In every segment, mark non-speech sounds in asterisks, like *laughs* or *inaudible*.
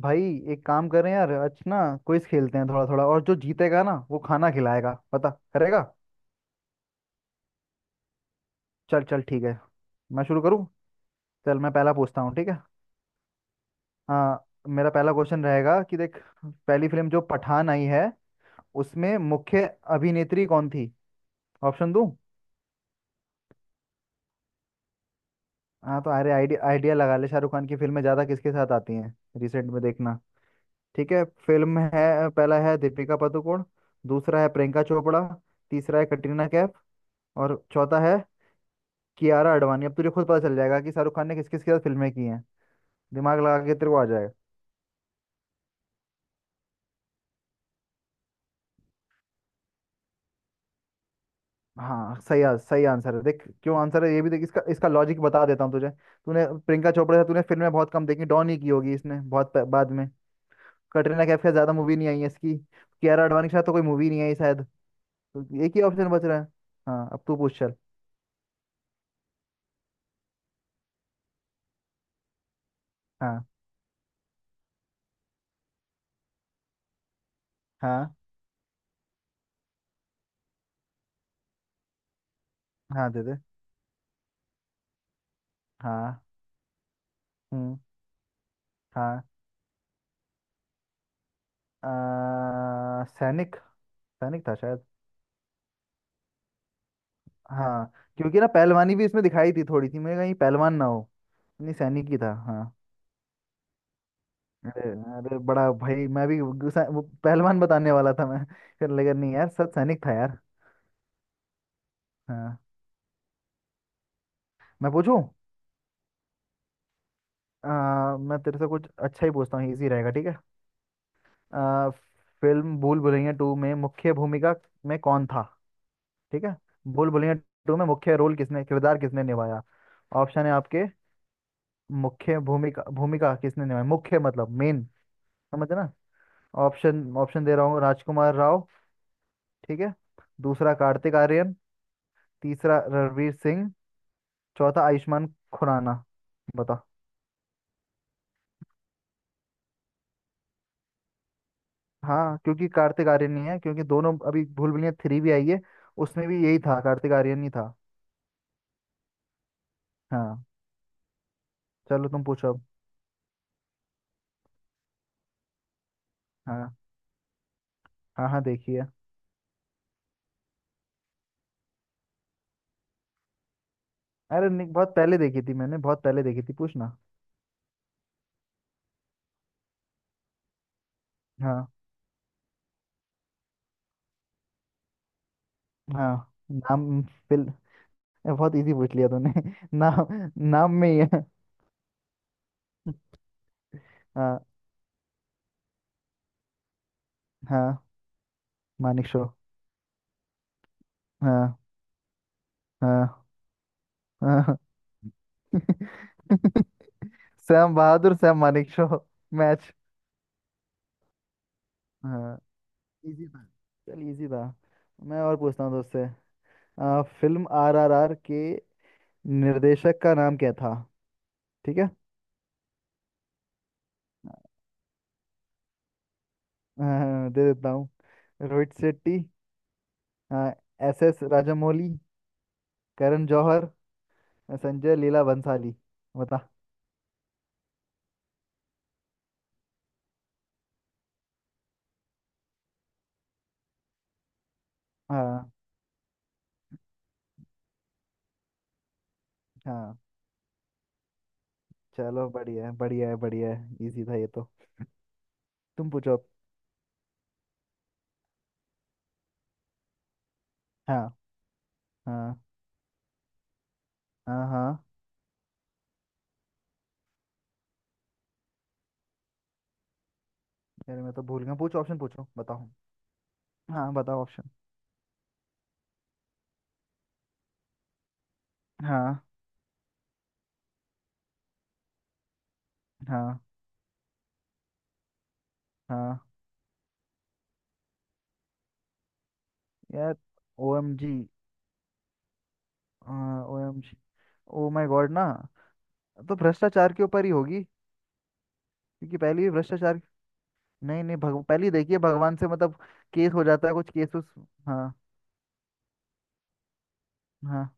भाई, एक काम करें यार आज ना, क्विज खेलते हैं थोड़ा थोड़ा। और जो जीतेगा ना वो खाना खिलाएगा, पता करेगा। चल चल ठीक है। मैं शुरू करूँ। चल मैं पहला पूछता हूँ ठीक है। हाँ, मेरा पहला क्वेश्चन रहेगा कि देख, पहली फिल्म जो पठान आई है उसमें मुख्य अभिनेत्री कौन थी। ऑप्शन दूँ? हाँ तो, अरे आइडिया आइडिया लगा ले, शाहरुख खान की फिल्में ज़्यादा किसके साथ आती हैं रिसेंट में, देखना। ठीक है, फिल्म है। पहला है दीपिका पादुकोण, दूसरा है प्रियंका चोपड़ा, तीसरा है कटरीना कैफ और चौथा है कियारा आडवाणी। अब तुझे खुद पता चल जाएगा कि शाहरुख खान ने किस किस के साथ फिल्में की हैं। दिमाग लगा के तेरे को आ जाएगा। हाँ सही, सही आंसर है। देख क्यों आंसर है ये, भी देख, इसका इसका लॉजिक बता देता हूँ तुझे। तूने प्रियंका चोपड़ा से तूने फिल्में बहुत कम देखी, डॉन ही की होगी इसने, बहुत बाद में। कटरीना कैफ के साथ ज्यादा मूवी नहीं आई है इसकी। कियारा आडवाणी के साथ तो कोई मूवी नहीं आई शायद। तो एक ही ऑप्शन बच रहा है। हाँ अब तू पूछ चल। हाँ, हाँ, हाँ दे दे, हाँ। हम्म। हाँ, सैनिक। सैनिक था शायद। हाँ। क्योंकि ना पहलवानी भी इसमें दिखाई थी थोड़ी सी, मैं कहीं पहलवान ना हो। नहीं, सैनिक ही था हाँ। अरे, अरे बड़ा भाई, मैं भी वो वो पहलवान बताने वाला था मैं। *laughs* फिर लगा नहीं यार, सच सैनिक था यार। हाँ। मैं पूछूं? मैं तेरे से कुछ अच्छा ही पूछता हूँ, इजी रहेगा ठीक है। आ, फिल्म भूल भुलैया टू में मुख्य भूमिका में कौन था। ठीक है, भूल भुलैया टू में मुख्य रोल किसने, किरदार किसने निभाया। ऑप्शन है आपके। मुख्य भूमिका भूमिका किसने निभाई, मुख्य मतलब मेन। समझे ना। ऑप्शन ऑप्शन दे रहा हूँ। राजकुमार राव ठीक है, दूसरा कार्तिक आर्यन, तीसरा रणवीर सिंह, चौथा आयुष्मान खुराना। बता। हाँ, क्योंकि कार्तिक आर्यन ही है, क्योंकि दोनों अभी भूल भुलैया थ्री भी आई है, उसमें भी यही था, कार्तिक आर्यन ही था। हाँ, चलो तुम पूछो अब। हाँ, हाँ हाँ देखिए। अरे नहीं, बहुत पहले देखी थी मैंने, बहुत पहले देखी थी, पूछना। हाँ। हाँ नाम। फिल बहुत इजी पूछ लिया तूने। *laughs* नाम नाम में ही है। हाँ, हाँ मानिक शो। हाँ, हाँ, हाँ। *laughs* Sam Bahadur, Sam Manekshaw, match. हाँ, इजी था, चल इजी था। मैं और पूछता हूँ दोस्त से। फिल्म आरआरआर के निर्देशक का नाम क्या था। ठीक है, दे देता हूँ। रोहित शेट्टी, एस एस राजामौली, करण जौहर, संजय लीला बंसाली। बता। हाँ। हाँ चलो बढ़िया है बढ़िया है बढ़िया है, इजी था ये तो। तुम पूछो अब। हाँ, हाँ, हाँ, हाँ। अरे मैं तो भूल गया, पूछो ऑप्शन, पूछो, बताओ। हाँ बताओ। हाँ, हाँ, हाँ। यार, O M G, O M G, oh my god ना, तो भ्रष्टाचार के ऊपर ही होगी क्योंकि पहले भी भ्रष्टाचार। नहीं नहीं, पहले ही देखिए भगवान से मतलब केस हो जाता है कुछ, केस उस, हाँ। हाँ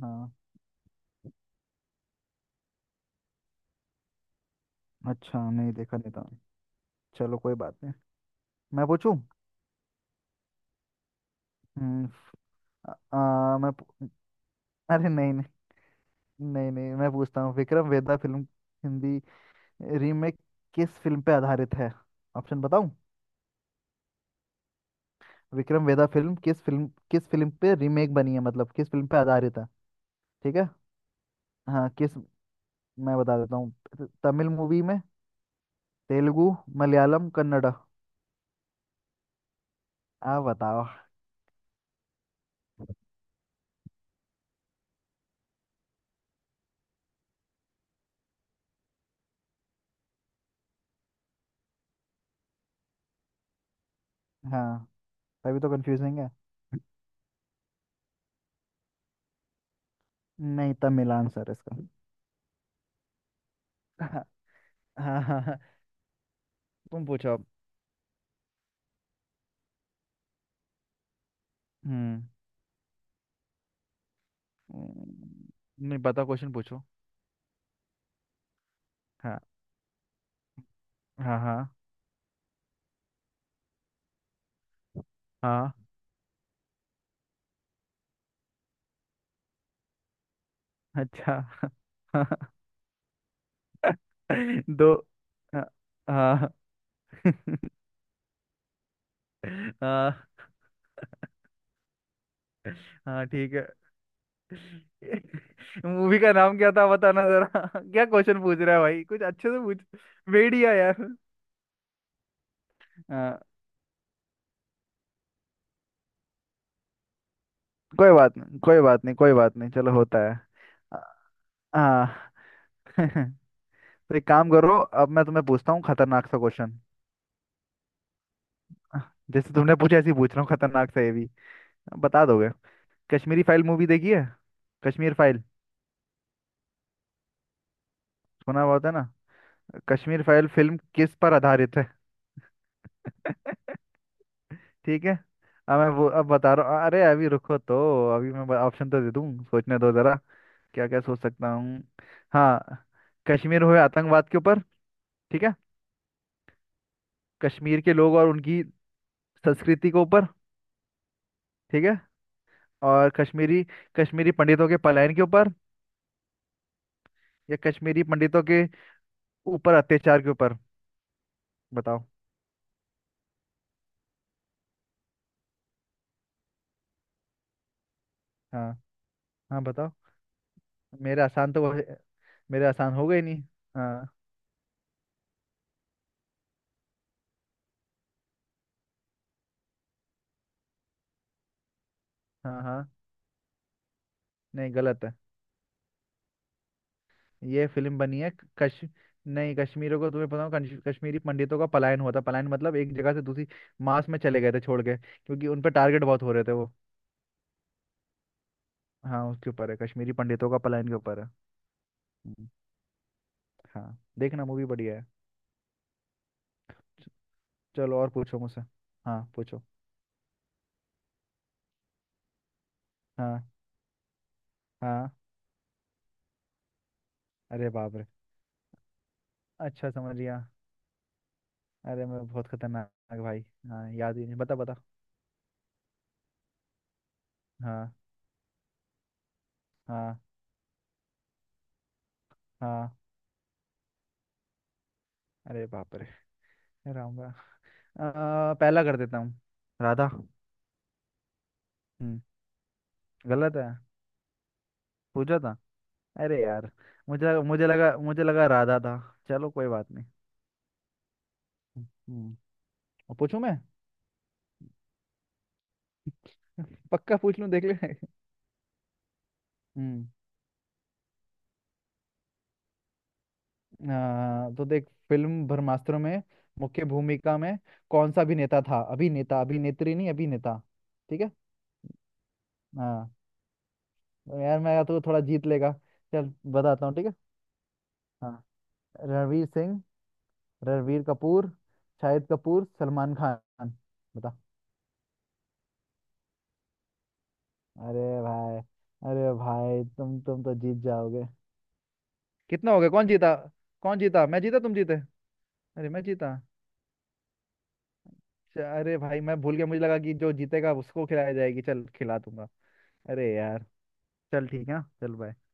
हाँ। अच्छा नहीं देखा नहीं था, चलो कोई बात नहीं। मैं पूछूं। हम्म। आ, आ, मैं पू- अरे नहीं नहीं, नहीं नहीं, मैं पूछता हूँ विक्रम वेदा फिल्म, हिंदी रीमेक किस फिल्म पे आधारित है। ऑप्शन बताऊं? विक्रम वेदा फिल्म किस फिल्म पे रीमेक बनी है, मतलब किस फिल्म पे आधारित है। ठीक है। हाँ किस, मैं बता देता हूँ, तमिल मूवी में, तेलुगु, मलयालम, कन्नड़ा। आप बताओ। हाँ तभी तो कंफ्यूजिंग है। नहीं, तमिल आंसर है इसका। *laughs* हाँ, हाँ, हाँ, हाँ। तुम पूछो अब। हम्म। नहीं पता, क्वेश्चन पूछो। हाँ, हाँ, हाँ, हाँ, अच्छा। *laughs* दो, हाँ, हाँ। *laughs* हाँ, हाँ, ठीक है। मूवी का नाम क्या था बताना जरा। *laughs* क्या क्वेश्चन पूछ रहा है भाई, कुछ अच्छे से पूछ। भेड़िया यार। हाँ। कोई बात नहीं कोई बात नहीं कोई बात नहीं, चलो होता है। हाँ। *laughs* तो एक काम करो, अब मैं तुम्हें पूछता हूँ खतरनाक सा क्वेश्चन। जैसे तुमने पूछा ऐसे ही पूछ रहा हूँ, खतरनाक सा ये भी। बता दोगे? कश्मीरी फाइल मूवी देखी है? कश्मीर फाइल। सुना बहुत है ना। कश्मीर फाइल फिल्म किस पर आधारित है। ठीक है। अब मैं वो अब बता रहा हूँ, अरे अभी रुको तो, अभी मैं ऑप्शन तो दे दूँ, सोचने दो जरा। क्या क्या सोच सकता हूँ। हाँ, कश्मीर हुए आतंकवाद के ऊपर, ठीक है, कश्मीर के लोग और उनकी संस्कृति के ऊपर, ठीक है, और कश्मीरी, कश्मीरी पंडितों के पलायन के ऊपर, या कश्मीरी पंडितों के ऊपर अत्याचार के ऊपर। बताओ। हाँ, हाँ बताओ। मेरे आसान तो मेरे आसान हो गए, नहीं। हाँ। हाँ हाँ। नहीं गलत है। ये फिल्म बनी है, कश नहीं कश्मीरों को, तुम्हें पता हो कश्मीरी पंडितों का पलायन हुआ था, पलायन मतलब एक जगह से दूसरी, मास में चले गए थे छोड़ के, क्योंकि उन पर टारगेट बहुत हो रहे थे वो। हाँ, उसके ऊपर है, कश्मीरी पंडितों का पलायन के ऊपर है। हम्म, हाँ, देखना मूवी बढ़िया है। चलो और पूछो मुझसे। हाँ पूछो। हाँ, हाँ, अरे बाप रे, अच्छा समझ गया, अरे मैं बहुत खतरनाक, भाई हाँ, याद ही नहीं, बता बता। हाँ, हाँ, हाँ, अरे बाप रे, राम राम। पहला कर देता हूँ, राधा। हम्म। गलत है, पूछा था। अरे यार, मुझे लगा मुझे लगा मुझे लगा राधा था। चलो कोई बात नहीं। हम्म। और पूछूं मैं? *laughs* पक्का पूछ लूं देख ले। *laughs* हम्म, तो देख, फिल्म ब्रह्मास्त्र में मुख्य भूमिका में कौन सा अभिनेता था, अभिनेता, अभिनेत्री नहीं, अभिनेता। ठीक है। हाँ तो यार, मैं तो थोड़ा, जीत लेगा। चल बताता हूँ ठीक है। हाँ, रणवीर सिंह, रणवीर कपूर, शाहिद कपूर, सलमान खान। बता। अरे भाई। अरे भाई तुम तो जीत जाओगे। कितना हो गया, कौन जीता? कौन जीता, मैं जीता, तुम जीते। अरे मैं जीता। अच्छा, अरे भाई मैं भूल गया, मुझे लगा कि जो जीतेगा उसको खिलाया जाएगी, चल खिला दूंगा। अरे यार। चल ठीक है ना? चल बाय।